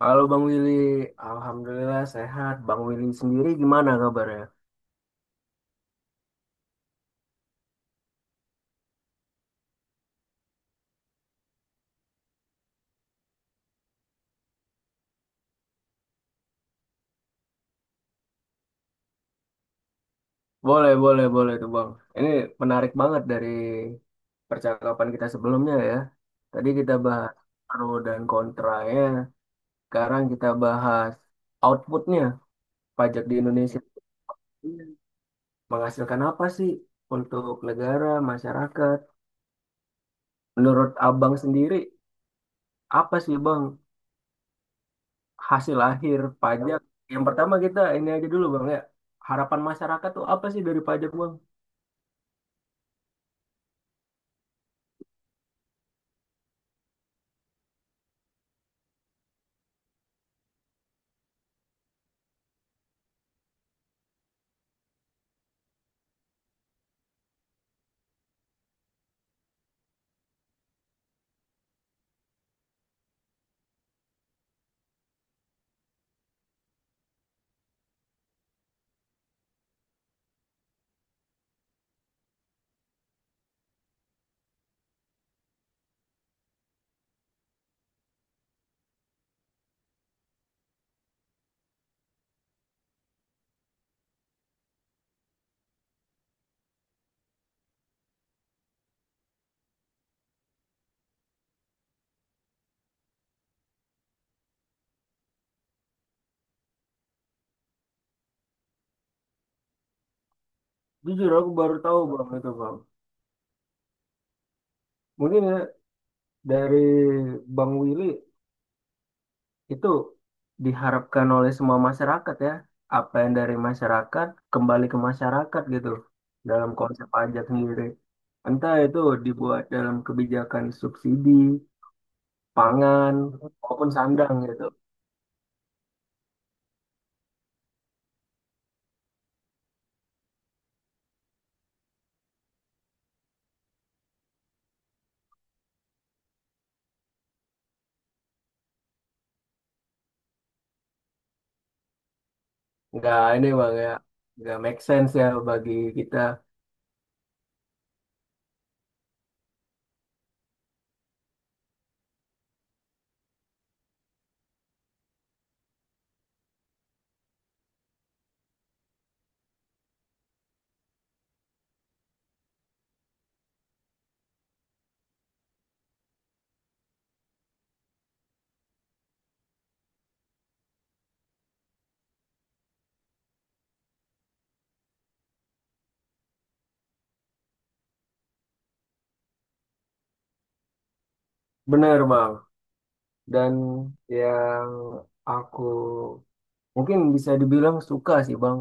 Halo Bang Willy, Alhamdulillah sehat. Bang Willy sendiri gimana kabarnya? Boleh, boleh, boleh tuh Bang. Ini menarik banget dari percakapan kita sebelumnya ya. Tadi kita bahas pro dan kontranya, sekarang kita bahas outputnya. Pajak di Indonesia menghasilkan apa sih untuk negara, masyarakat? Menurut Abang sendiri, apa sih Bang hasil akhir pajak. Yang pertama kita ini aja dulu Bang ya. Harapan masyarakat tuh apa sih dari pajak Bang? Jujur aku baru tahu Bang itu Bang. Mungkin ya dari Bang Willy itu diharapkan oleh semua masyarakat ya. Apa yang dari masyarakat kembali ke masyarakat gitu dalam konsep pajak sendiri. Entah itu dibuat dalam kebijakan subsidi, pangan, maupun sandang gitu. Nggak ini Bang ya, nggak make sense ya bagi kita. Benar, Bang. Dan yang aku mungkin bisa dibilang suka sih Bang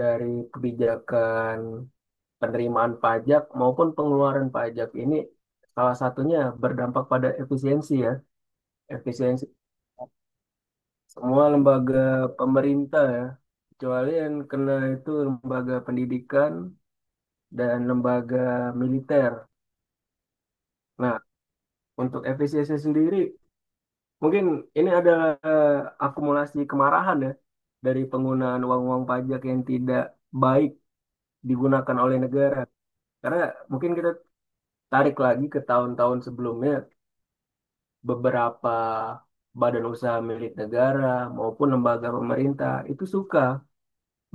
dari kebijakan penerimaan pajak maupun pengeluaran pajak ini salah satunya berdampak pada efisiensi ya. Efisiensi semua lembaga pemerintah ya. Kecuali yang kena itu lembaga pendidikan dan lembaga militer. Nah, untuk efisiensi sendiri mungkin ini adalah akumulasi kemarahan ya dari penggunaan uang-uang pajak yang tidak baik digunakan oleh negara. Karena mungkin kita tarik lagi ke tahun-tahun sebelumnya, beberapa badan usaha milik negara maupun lembaga pemerintah itu suka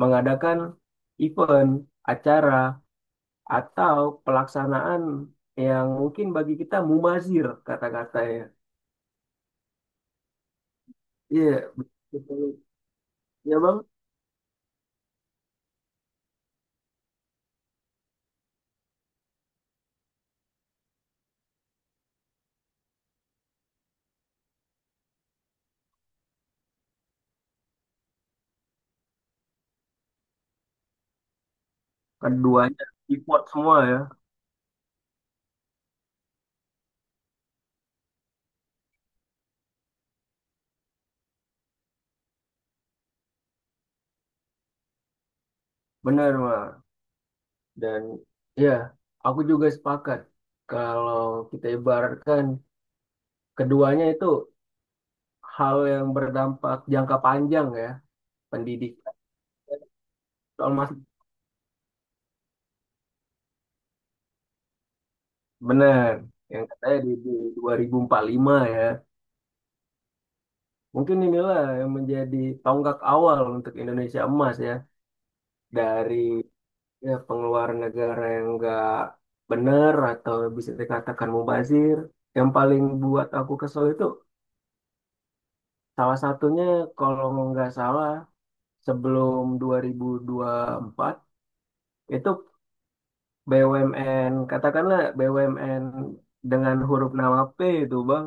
mengadakan event, acara, atau pelaksanaan yang mungkin bagi kita mubazir kata-katanya. Iya, betul. Iya bang, keduanya support semua ya. Benar, Bang. Dan ya, aku juga sepakat kalau kita ibaratkan keduanya itu hal yang berdampak jangka panjang ya, pendidikan. Soal mas benar yang katanya di 2045 ya. Mungkin inilah yang menjadi tonggak awal untuk Indonesia emas ya dari ya, pengeluaran negara yang enggak benar atau bisa dikatakan mubazir. Yang paling buat aku kesel itu salah satunya kalau nggak salah sebelum dua ribu empat itu BUMN katakanlah BUMN dengan huruf nama P itu Bang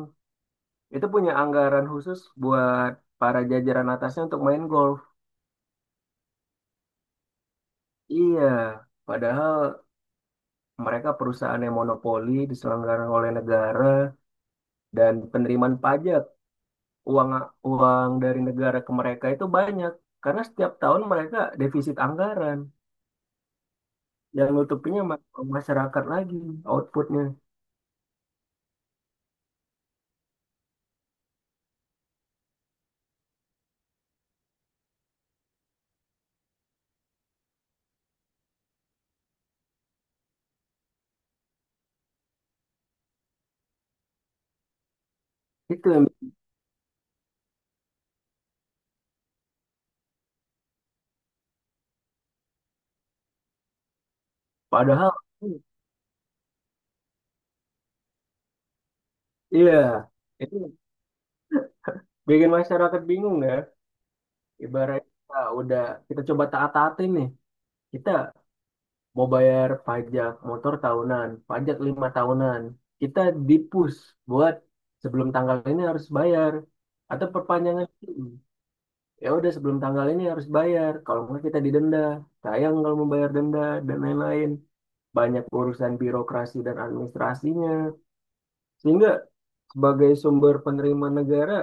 itu punya anggaran khusus buat para jajaran atasnya untuk main golf. Iya, padahal mereka perusahaan yang monopoli diselenggarakan oleh negara dan penerimaan pajak uang uang dari negara ke mereka itu banyak karena setiap tahun mereka defisit anggaran yang nutupinya masyarakat lagi outputnya. Itu yang Padahal, iya, itu bikin masyarakat bingung ya. Ibarat kita udah, kita coba taat-taatin nih. Kita mau bayar pajak motor tahunan, pajak 5 tahunan. Kita dipus, buat sebelum tanggal ini harus bayar. Atau perpanjangan SIM. Ya udah sebelum tanggal ini harus bayar. Kalau nggak kita didenda. Sayang kalau membayar denda dan lain-lain. Banyak urusan birokrasi dan administrasinya. Sehingga sebagai sumber penerimaan negara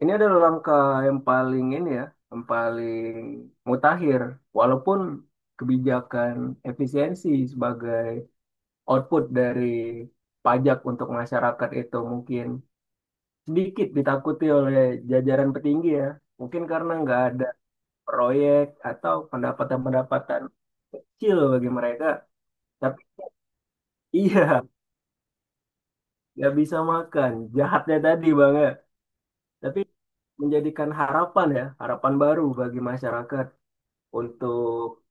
ini adalah langkah yang paling ini ya, yang paling mutakhir. Walaupun kebijakan efisiensi sebagai output dari pajak untuk masyarakat itu mungkin sedikit ditakuti oleh jajaran petinggi ya. Mungkin karena nggak ada proyek atau pendapatan-pendapatan kecil bagi mereka. Tapi iya, nggak bisa makan. Jahatnya tadi Bang ya. Tapi menjadikan harapan ya, harapan baru bagi masyarakat untuk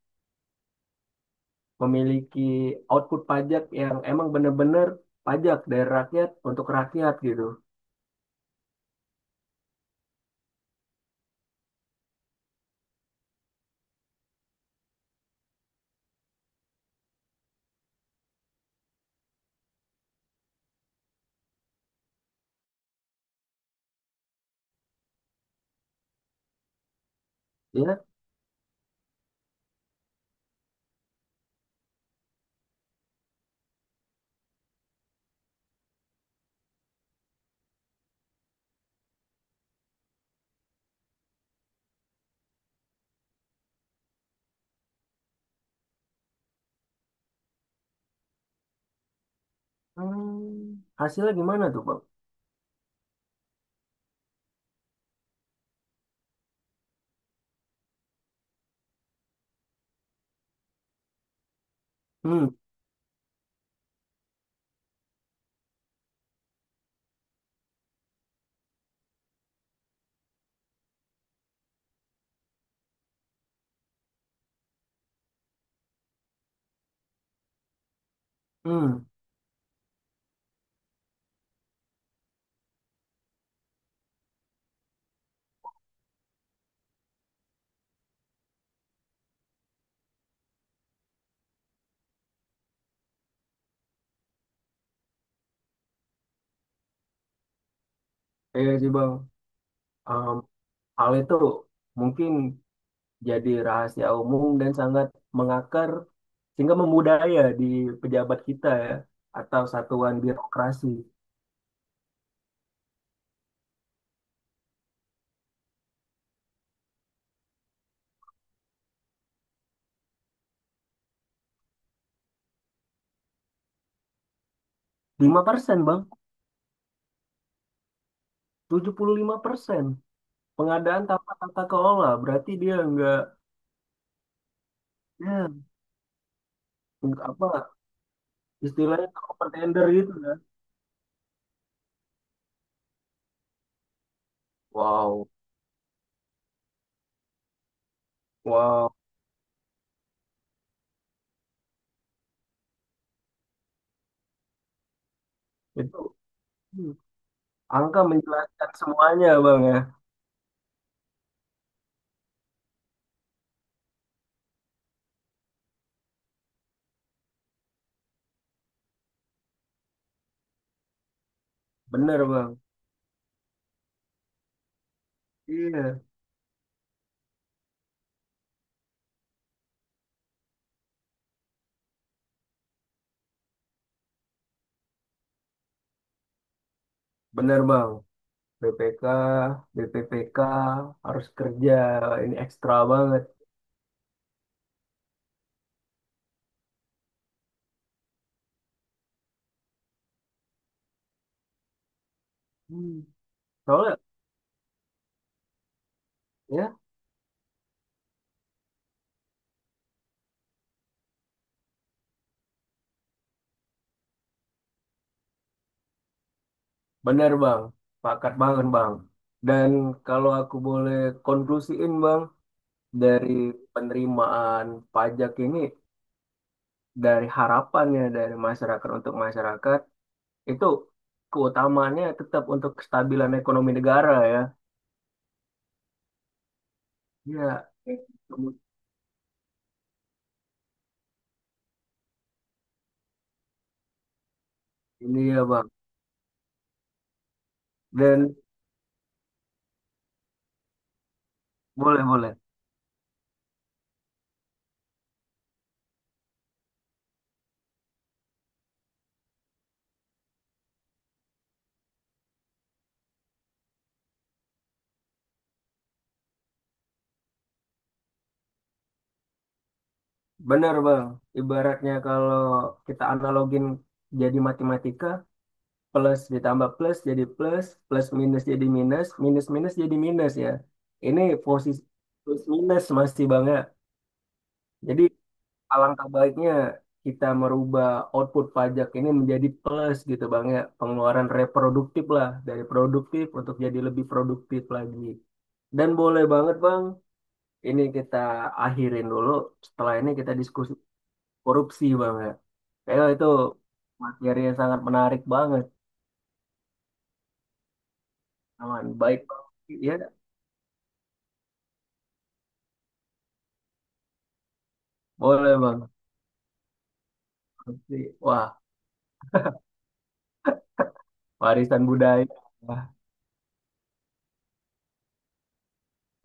memiliki output pajak yang emang bener-bener pajak dari rakyat untuk rakyat gitu. Ya. Hmm. Hasilnya gimana tuh Bang? Hmm, hmm, iya sih Bang. Em, hal itu mungkin jadi rahasia umum dan sangat mengakar sehingga membudaya di pejabat kita ya atau satuan birokrasi. 5% Bang, 75% pengadaan tanpa tata kelola berarti dia nggak ya, nggak apa istilahnya overtender gitu kan. Wow, wow, itu hmm, angka menjelaskan semuanya bang ya, bener bang. Iya, bener bang. BPK, BPPK harus kerja ini ekstra banget. Hmm. Soalnya ya, bener bang, pakat banget bang. Dan kalau aku boleh konklusiin bang dari penerimaan pajak ini dari harapannya dari masyarakat untuk masyarakat itu keutamaannya tetap untuk kestabilan ekonomi negara ya. Iya, ini ya Bang. Dan boleh boleh. Benar Bang. Ibaratnya kalau kita analogin jadi matematika, plus ditambah plus jadi plus, plus minus jadi minus, minus minus jadi minus ya. Ini posisi plus minus masih Bang ya. Jadi alangkah baiknya kita merubah output pajak ini menjadi plus gitu Bang ya. Pengeluaran reproduktif lah dari produktif untuk jadi lebih produktif lagi. Dan boleh banget Bang, ini kita akhirin dulu. Setelah ini kita diskusi korupsi Bang ya. Kayaknya itu materi yang sangat menarik banget. Aman, baik Bang. Ya, boleh Bang. Korupsi. Wah, warisan budaya. Wah,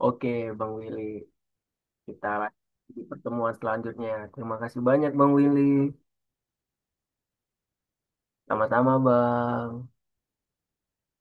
oke Bang Willy, kita lanjut di pertemuan selanjutnya. Terima kasih banyak Bang Willy. Sama-sama, Bang.